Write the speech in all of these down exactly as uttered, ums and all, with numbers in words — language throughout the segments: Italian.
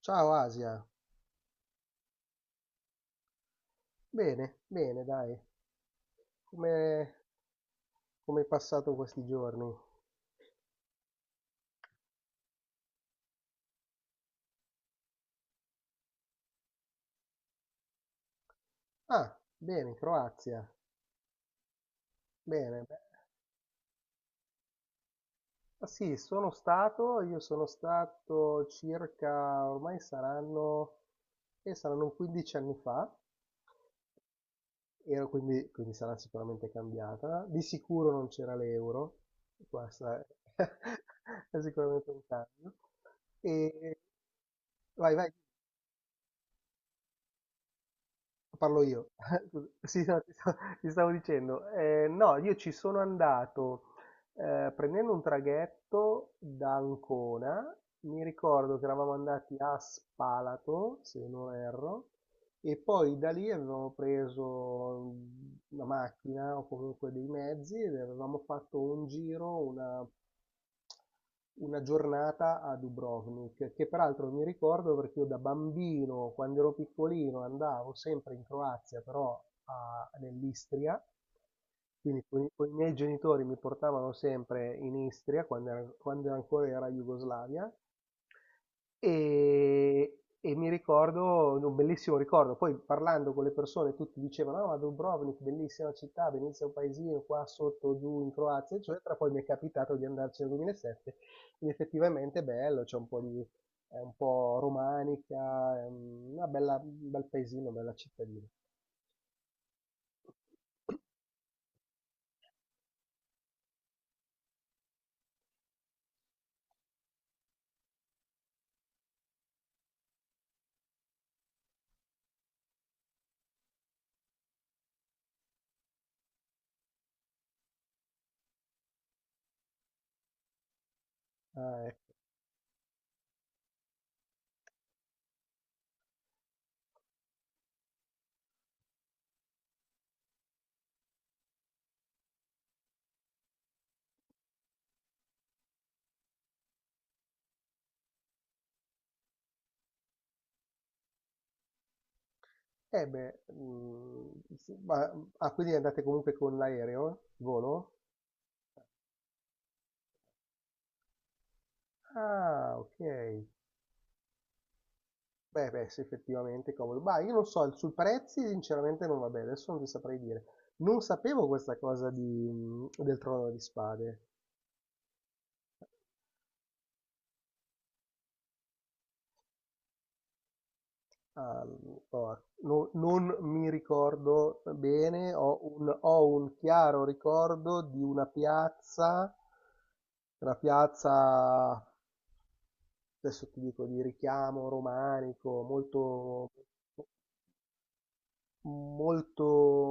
Ciao Asia, bene, bene, dai, come come hai passato questi giorni? Ah, bene, Croazia, bene. Beh, ah, sì, sono stato, io sono stato circa, ormai saranno, eh, saranno quindici anni fa, ero quindi, quindi sarà sicuramente cambiata, di sicuro non c'era l'euro, questa è, è sicuramente un cambio. E vai, vai. Parlo io. Sì, no, ti sta- ti stavo dicendo. Eh, no, io ci sono andato eh, prendendo un traghetto da Ancona. Mi ricordo che eravamo andati a Spalato, se non erro, e poi da lì avevamo preso una macchina o comunque dei mezzi ed avevamo fatto un giro, una una giornata a Dubrovnik che peraltro mi ricordo perché io da bambino, quando ero piccolino, andavo sempre in Croazia, però a- nell'Istria, quindi con i, con i miei genitori mi portavano sempre in Istria quando era- quando ancora era Jugoslavia. E, e mi ricordo, un bellissimo ricordo. Poi parlando con le persone tutti dicevano, ah, ma Dubrovnik, bellissima città, bellissimo paesino qua sotto, giù in Croazia, eccetera. Poi mi è capitato di andarci nel due mila sette, ed effettivamente è bello, c'è un po' di, è un po' romanica, è una bella, un bel paesino, una bella cittadina. Ah, ecco. Eh beh, mm, sì, ma- ah, quindi andate comunque con l'aereo, il volo? Ah, ok. Beh, beh, sì, effettivamente è comodo. Bah, io non so, sui prezzi sinceramente non vabbè, adesso non ti saprei dire. Non sapevo questa cosa di, del Trono di Spade. Ah, no, no- non mi ricordo bene, ho un, ho un chiaro ricordo di una piazza, una piazza, adesso ti dico, di richiamo romanico, molto... molto,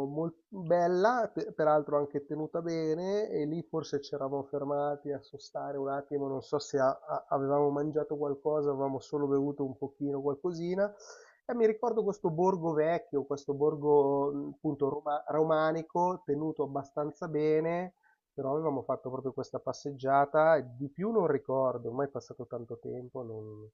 mol- bella, pe- peraltro anche tenuta bene, e lì forse ci eravamo fermati a sostare un attimo, non so se a- a- avevamo mangiato qualcosa, avevamo solo bevuto un pochino, qualcosina. E mi ricordo questo borgo vecchio, questo borgo mh, appunto roma- romanico, tenuto abbastanza bene, però avevamo fatto proprio questa passeggiata, e di più non ricordo, ormai è passato tanto tempo, non...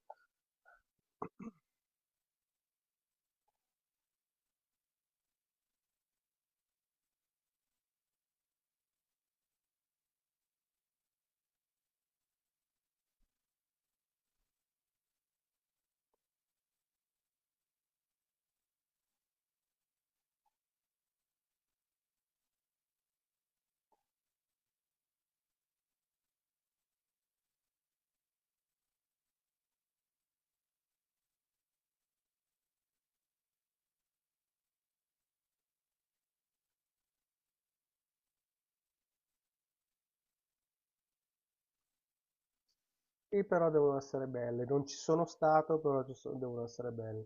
Sì, però devono essere belle, non ci sono stato, però ci sono- devono essere belle.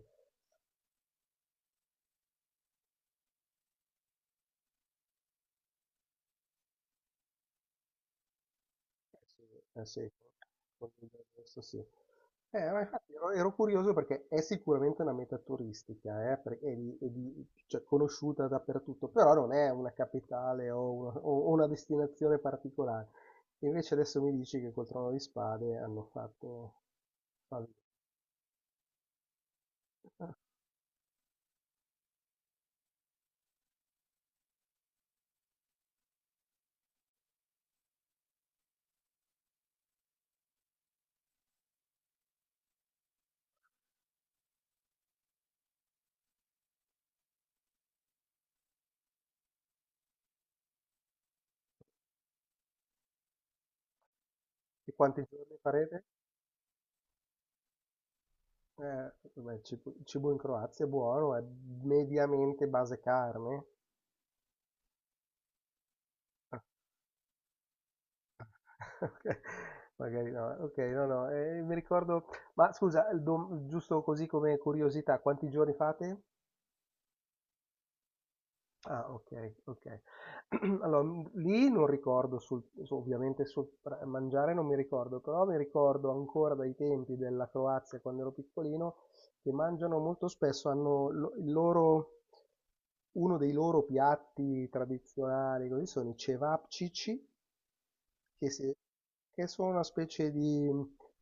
Eh sì, eh sì, con con il resto sì. Eh, ma infatti ero, ero curioso perché è sicuramente una meta turistica, eh, per- è, di- è di- cioè, conosciuta dappertutto, però non è una capitale o una, o- o una destinazione particolare. Invece adesso mi dici che col Trono di Spade hanno fatto... fanno- E quanti giorni farete? Eh, vabbè, il cibo, il cibo in Croazia è buono, è mediamente base carne, ok, magari no. Ok, no, no, eh, mi ricordo. Ma scusa, il dom- giusto così come curiosità, quanti giorni fate? Ah, ok, ok. Allora, m- lì non ricordo, sul, su- ovviamente sul pra- mangiare non mi ricordo, però mi ricordo ancora dai tempi della Croazia quando ero piccolino che mangiano molto spesso, hanno lo- il loro, uno dei loro piatti tradizionali, così sono i cevapcici, Che se che sono una specie di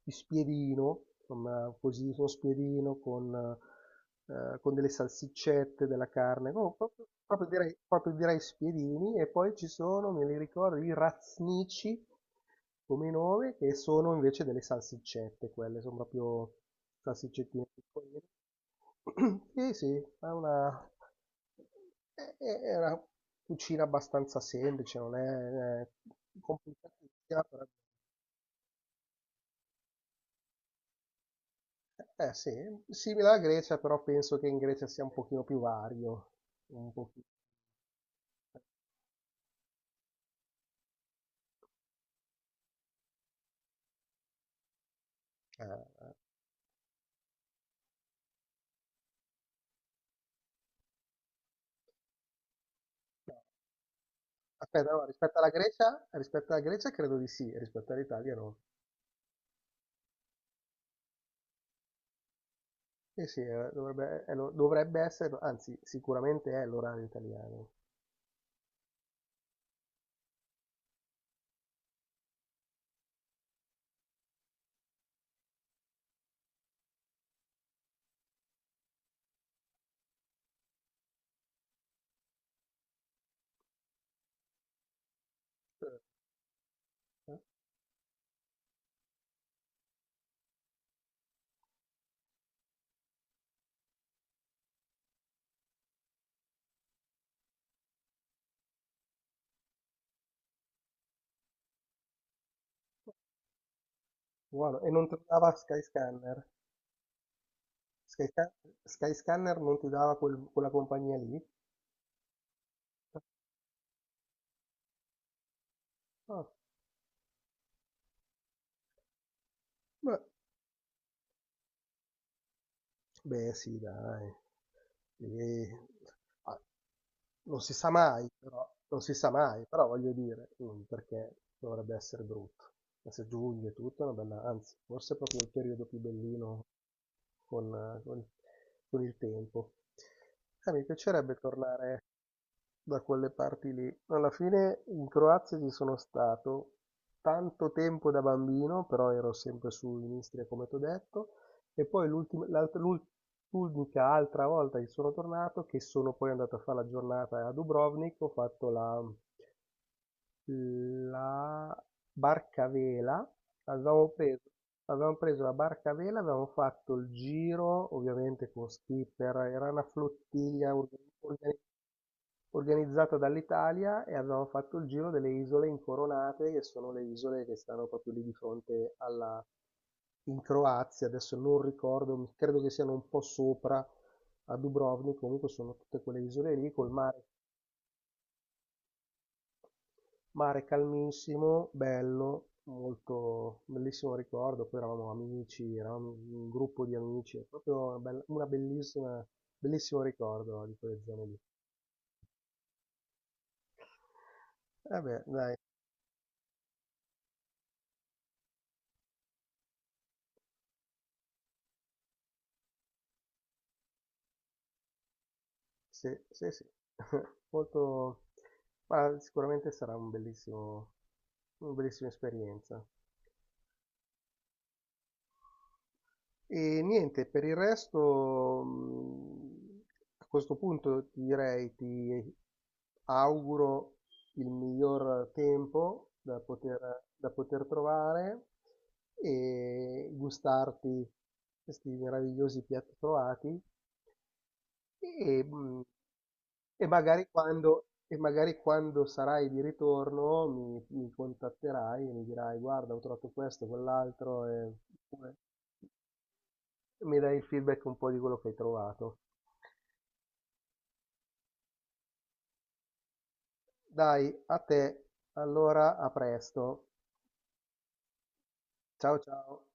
di spiedino, insomma così, uno spiedino con ehm, con delle salsiccette, della carne, no proprio proprio direi proprio direi spiedini e poi ci sono, me li ricordo, i raznici come nome, che sono invece delle salsiccette quelle, son proprio salsiccettine piccoline. Sì, sì, è una eh, eh, È una cucina abbastanza semplice, non è eh, complicatissima. però- Eh sì, simile alla Grecia, però penso che in Grecia sia un pochino più vario. Un pochino, eh, no, aspetta, no, rispetto alla Grecia, rispetto alla Grecia credo di sì, rispetto all'Italia no. Eh sì, eh, dovrebbe, è lo- dovrebbe essere, anzi, sicuramente è l'orario italiano. Eh, eh. Buono. E non ti dava Skyscanner? Skysca- Skyscanner non ti dava quel- quella compagnia lì? Ah, beh, beh, sì, dai. Sì. Ah, non si sa mai, però, non si sa mai, però voglio dire, mm, perché dovrebbe essere brutto. Adesso è giugno e tutto è una bella, anzi, forse è proprio il periodo più bellino con, eh, con- con il tempo. Eh, mi piacerebbe tornare da quelle parti lì. Alla fine in Croazia ci sono stato tanto tempo da bambino, però ero sempre su in Istria, come ti ho detto, e poi l'ultima- l'alt- l'ul- l'unica altra volta che sono tornato, che sono poi andato a fare la giornata a Dubrovnik, ho fatto la, la barca a vela, avevamo preso, avevamo preso la barca a vela, avevamo fatto il giro, ovviamente con skipper, era una flottiglia organizzata organizzata dall'Italia e avevamo fatto il giro delle isole incoronate, che sono le isole che stanno proprio lì di fronte alla, in Croazia, adesso non ricordo, mi- credo che siano un po' sopra a Dubrovnik, comunque sono tutte quelle isole lì col mare, mare calmissimo, bello, molto bellissimo ricordo, poi eravamo amici, eravamo un gruppo di amici, è proprio una, bella- una bellissima, bellissimo ricordo di quelle zone lì. Vabbè, dai. Sì, sì, sì. Molto... Ma sicuramente sarà un bellissimo, una bellissima esperienza. E niente, per il resto, mh, a questo punto ti direi, ti auguro il miglior tempo da poter, da poter, trovare e gustarti questi meravigliosi piatti trovati. E, mh, e magari quando, e magari quando sarai di ritorno mi, mi contatterai e mi dirai, guarda, ho trovato questo, quell'altro, e oppure mi dai il feedback un po' di quello che hai trovato. Dai, a te. Allora, a presto. Ciao ciao.